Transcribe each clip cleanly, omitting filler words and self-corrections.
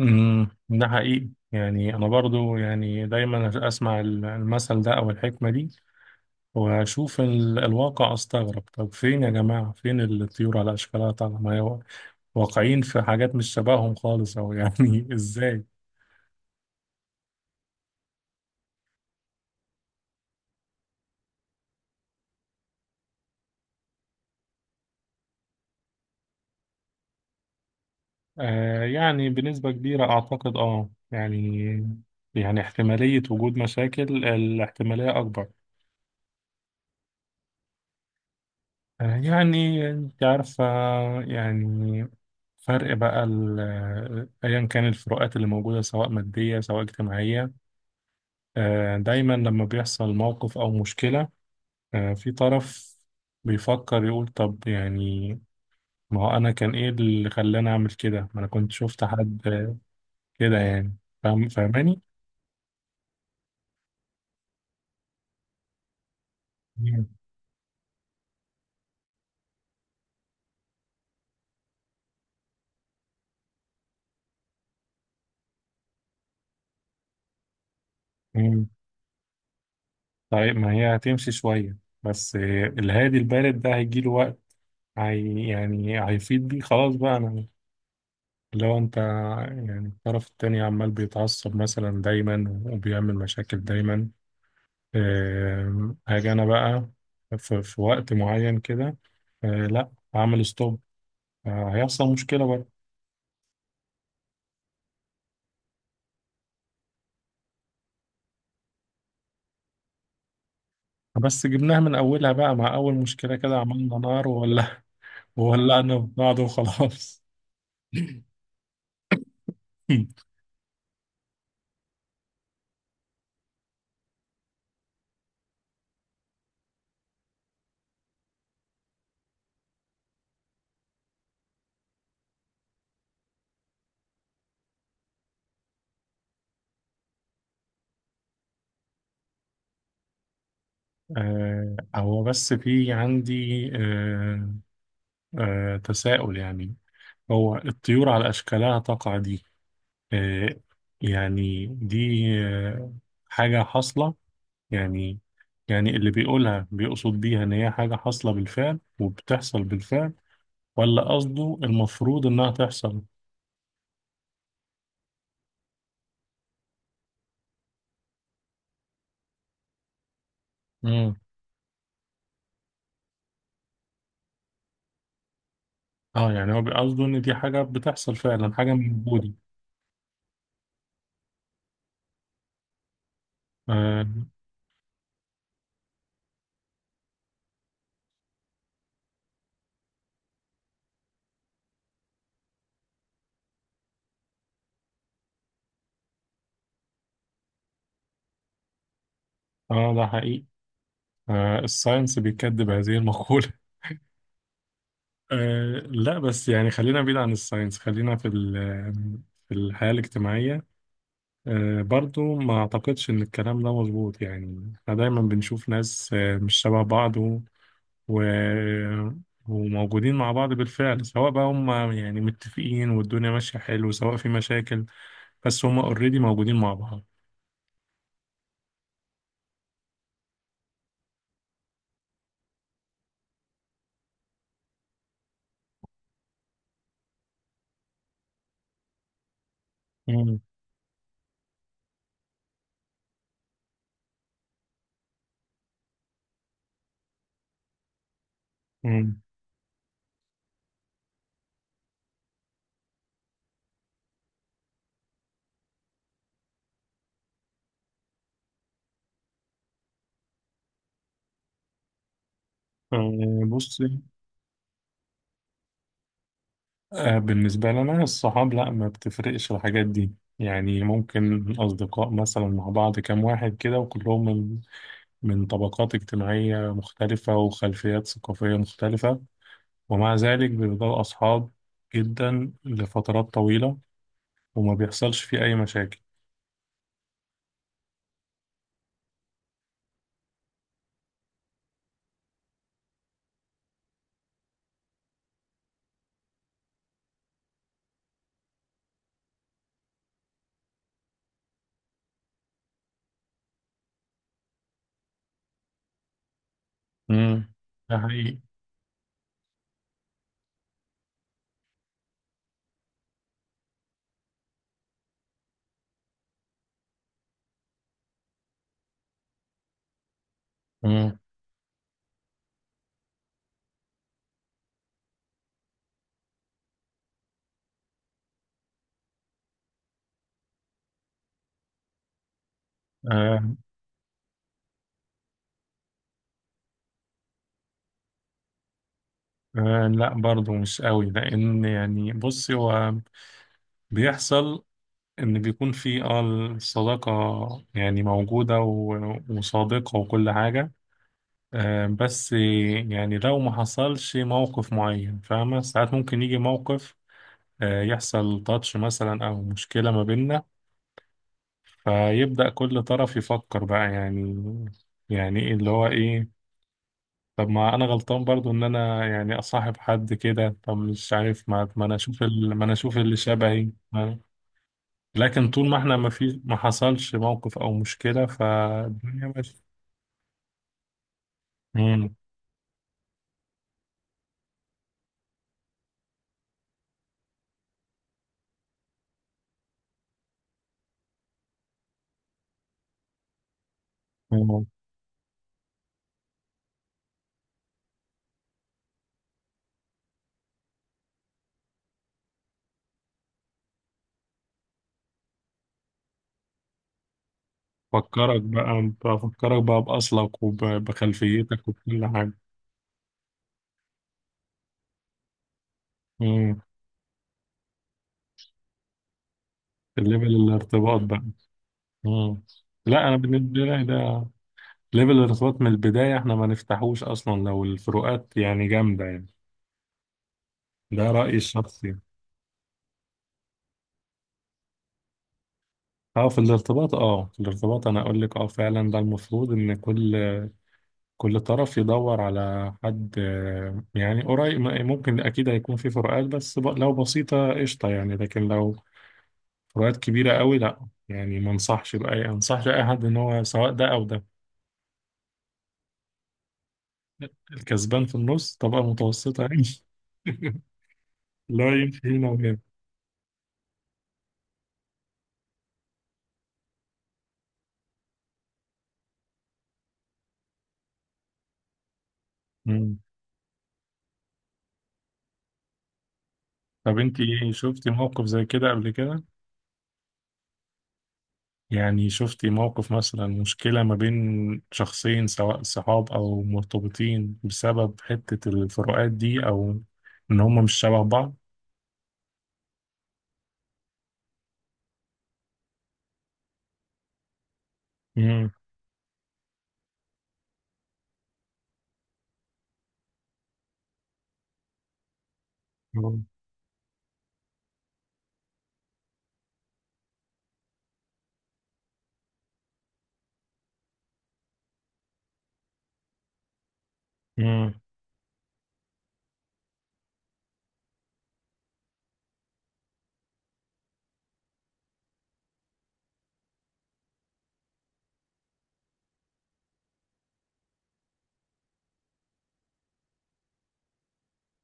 ده حقيقي. يعني انا برضو، يعني دايما اسمع المثل ده او الحكمه دي، واشوف الواقع استغرب. طب فين يا جماعه، فين الطيور على اشكالها؟ طالعه ما هي واقعين في حاجات مش شبههم خالص، او يعني ازاي؟ آه، يعني بنسبه كبيره اعتقد، اه يعني، يعني احتماليه وجود مشاكل، الاحتماليه اكبر. آه، يعني انت عارفة، يعني فرق بقى، ايا كان الفروقات اللي موجودة، سواء مادية سواء اجتماعية. آه، دايما لما بيحصل موقف او مشكلة، آه، في طرف بيفكر يقول طب يعني، ما هو انا كان ايه اللي خلاني اعمل كده؟ ما انا كنت شفت حد كده يعني. فاهم فاهماني؟ مم. مم. طيب ما هي هتمشي شوية، بس الهادي البارد ده هيجيله وقت. هي يعني هيفيد بيه خلاص بقى. انا لو انت، يعني الطرف التاني عمال بيتعصب مثلا دايما وبيعمل مشاكل دايما، هاجي انا بقى في وقت معين كده. آه، لا، هعمل ستوب. آه، هيحصل مشكلة بقى. بس جبناها من اولها بقى، مع اول مشكلة كده عملنا نار وولع، وولعنا في بعض وخلاص. آه، هو بس في عندي آه، تساؤل يعني. هو الطيور على اشكالها تقع دي، آه، يعني دي حاجة حاصلة يعني. يعني اللي بيقولها بيقصد بيها إن هي حاجة حاصلة بالفعل وبتحصل بالفعل، ولا قصده المفروض إنها تحصل؟ مم. اه يعني هو قصده إن دي حاجة بتحصل فعلا، حاجة موجودة. اه آه، ده حقيقي. آه الساينس بيكذب هذه المقولة. آه لا، بس يعني خلينا بعيد عن الساينس، خلينا في الحياة الاجتماعية. آه، برضو ما أعتقدش إن الكلام ده مظبوط. يعني إحنا دايما بنشوف ناس مش شبه بعض، و... وموجودين مع بعض بالفعل، سواء بقى هم يعني متفقين والدنيا ماشية حلو، سواء في مشاكل، بس هم اوريدي موجودين مع بعض. مم. مم. آه، بصي، آه، بالنسبة لنا الصحاب، لا ما بتفرقش الحاجات دي. يعني ممكن أصدقاء مثلا مع بعض كام واحد كده، وكلهم من من طبقات اجتماعية مختلفة وخلفيات ثقافية مختلفة، ومع ذلك بيفضلوا أصحاب جدا لفترات طويلة، وما بيحصلش فيه أي مشاكل. امم. ده حقيقي. امم. آه. آه لا، برضه مش قوي، لأن يعني بصي، هو بيحصل إن بيكون في الصداقة يعني موجودة وصادقة وكل حاجة. آه، بس يعني لو ما حصلش موقف معين، فاهمة، ساعات ممكن يجي موقف، آه يحصل تاتش مثلا أو مشكلة ما بيننا، فيبدأ كل طرف يفكر بقى يعني ايه اللي هو ايه. طب ما انا غلطان برضو ان انا يعني اصاحب حد كده؟ طب مش عارف، ما انا اشوف اللي شبهي لكن طول ما احنا ما في، ما حصلش موقف او مشكلة، فالدنيا ماشية. مم. مم. فكرك بقى، بفكرك بقى، بأصلك وبخلفيتك وكل حاجة. مم. الليفل الارتباط بقى. مم. لا انا بالنسبة لي، ده ليفل الارتباط من البداية احنا ما نفتحوش اصلا لو الفروقات يعني جامدة يعني. ده رأيي الشخصي. اه في الارتباط، انا اقول لك، اه فعلا ده المفروض ان كل طرف يدور على حد يعني قريب. ممكن اكيد هيكون في فروقات، بس لو بسيطة قشطة يعني، لكن لو فروقات كبيرة قوي لا، يعني ما انصحش بأي انصحش اي حد ان هو سواء ده او ده. الكسبان في النص طبقة متوسطة يعني. لا، يمشي هنا وهنا. طب انت ايه، شفتي موقف زي كده قبل كده؟ يعني شفتي موقف مثلا مشكلة ما بين شخصين سواء صحاب او مرتبطين بسبب حتة الفروقات دي او ان هما مش شبه بعض؟ امم. امم.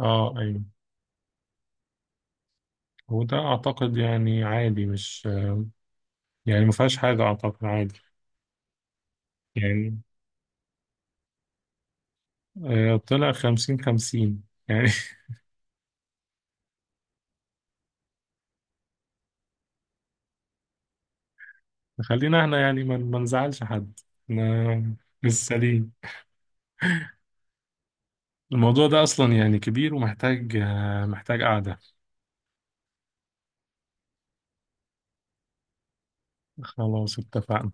اه ايوه. وده اعتقد يعني عادي، مش يعني ما فيهاش حاجة، اعتقد عادي. يعني آه، طلع 50/50 يعني. خلينا احنا يعني ما نزعلش حد. احنا لسه ليه، الموضوع ده أصلا يعني كبير ومحتاج آه، محتاج قعدة. خلاص، اتفقنا.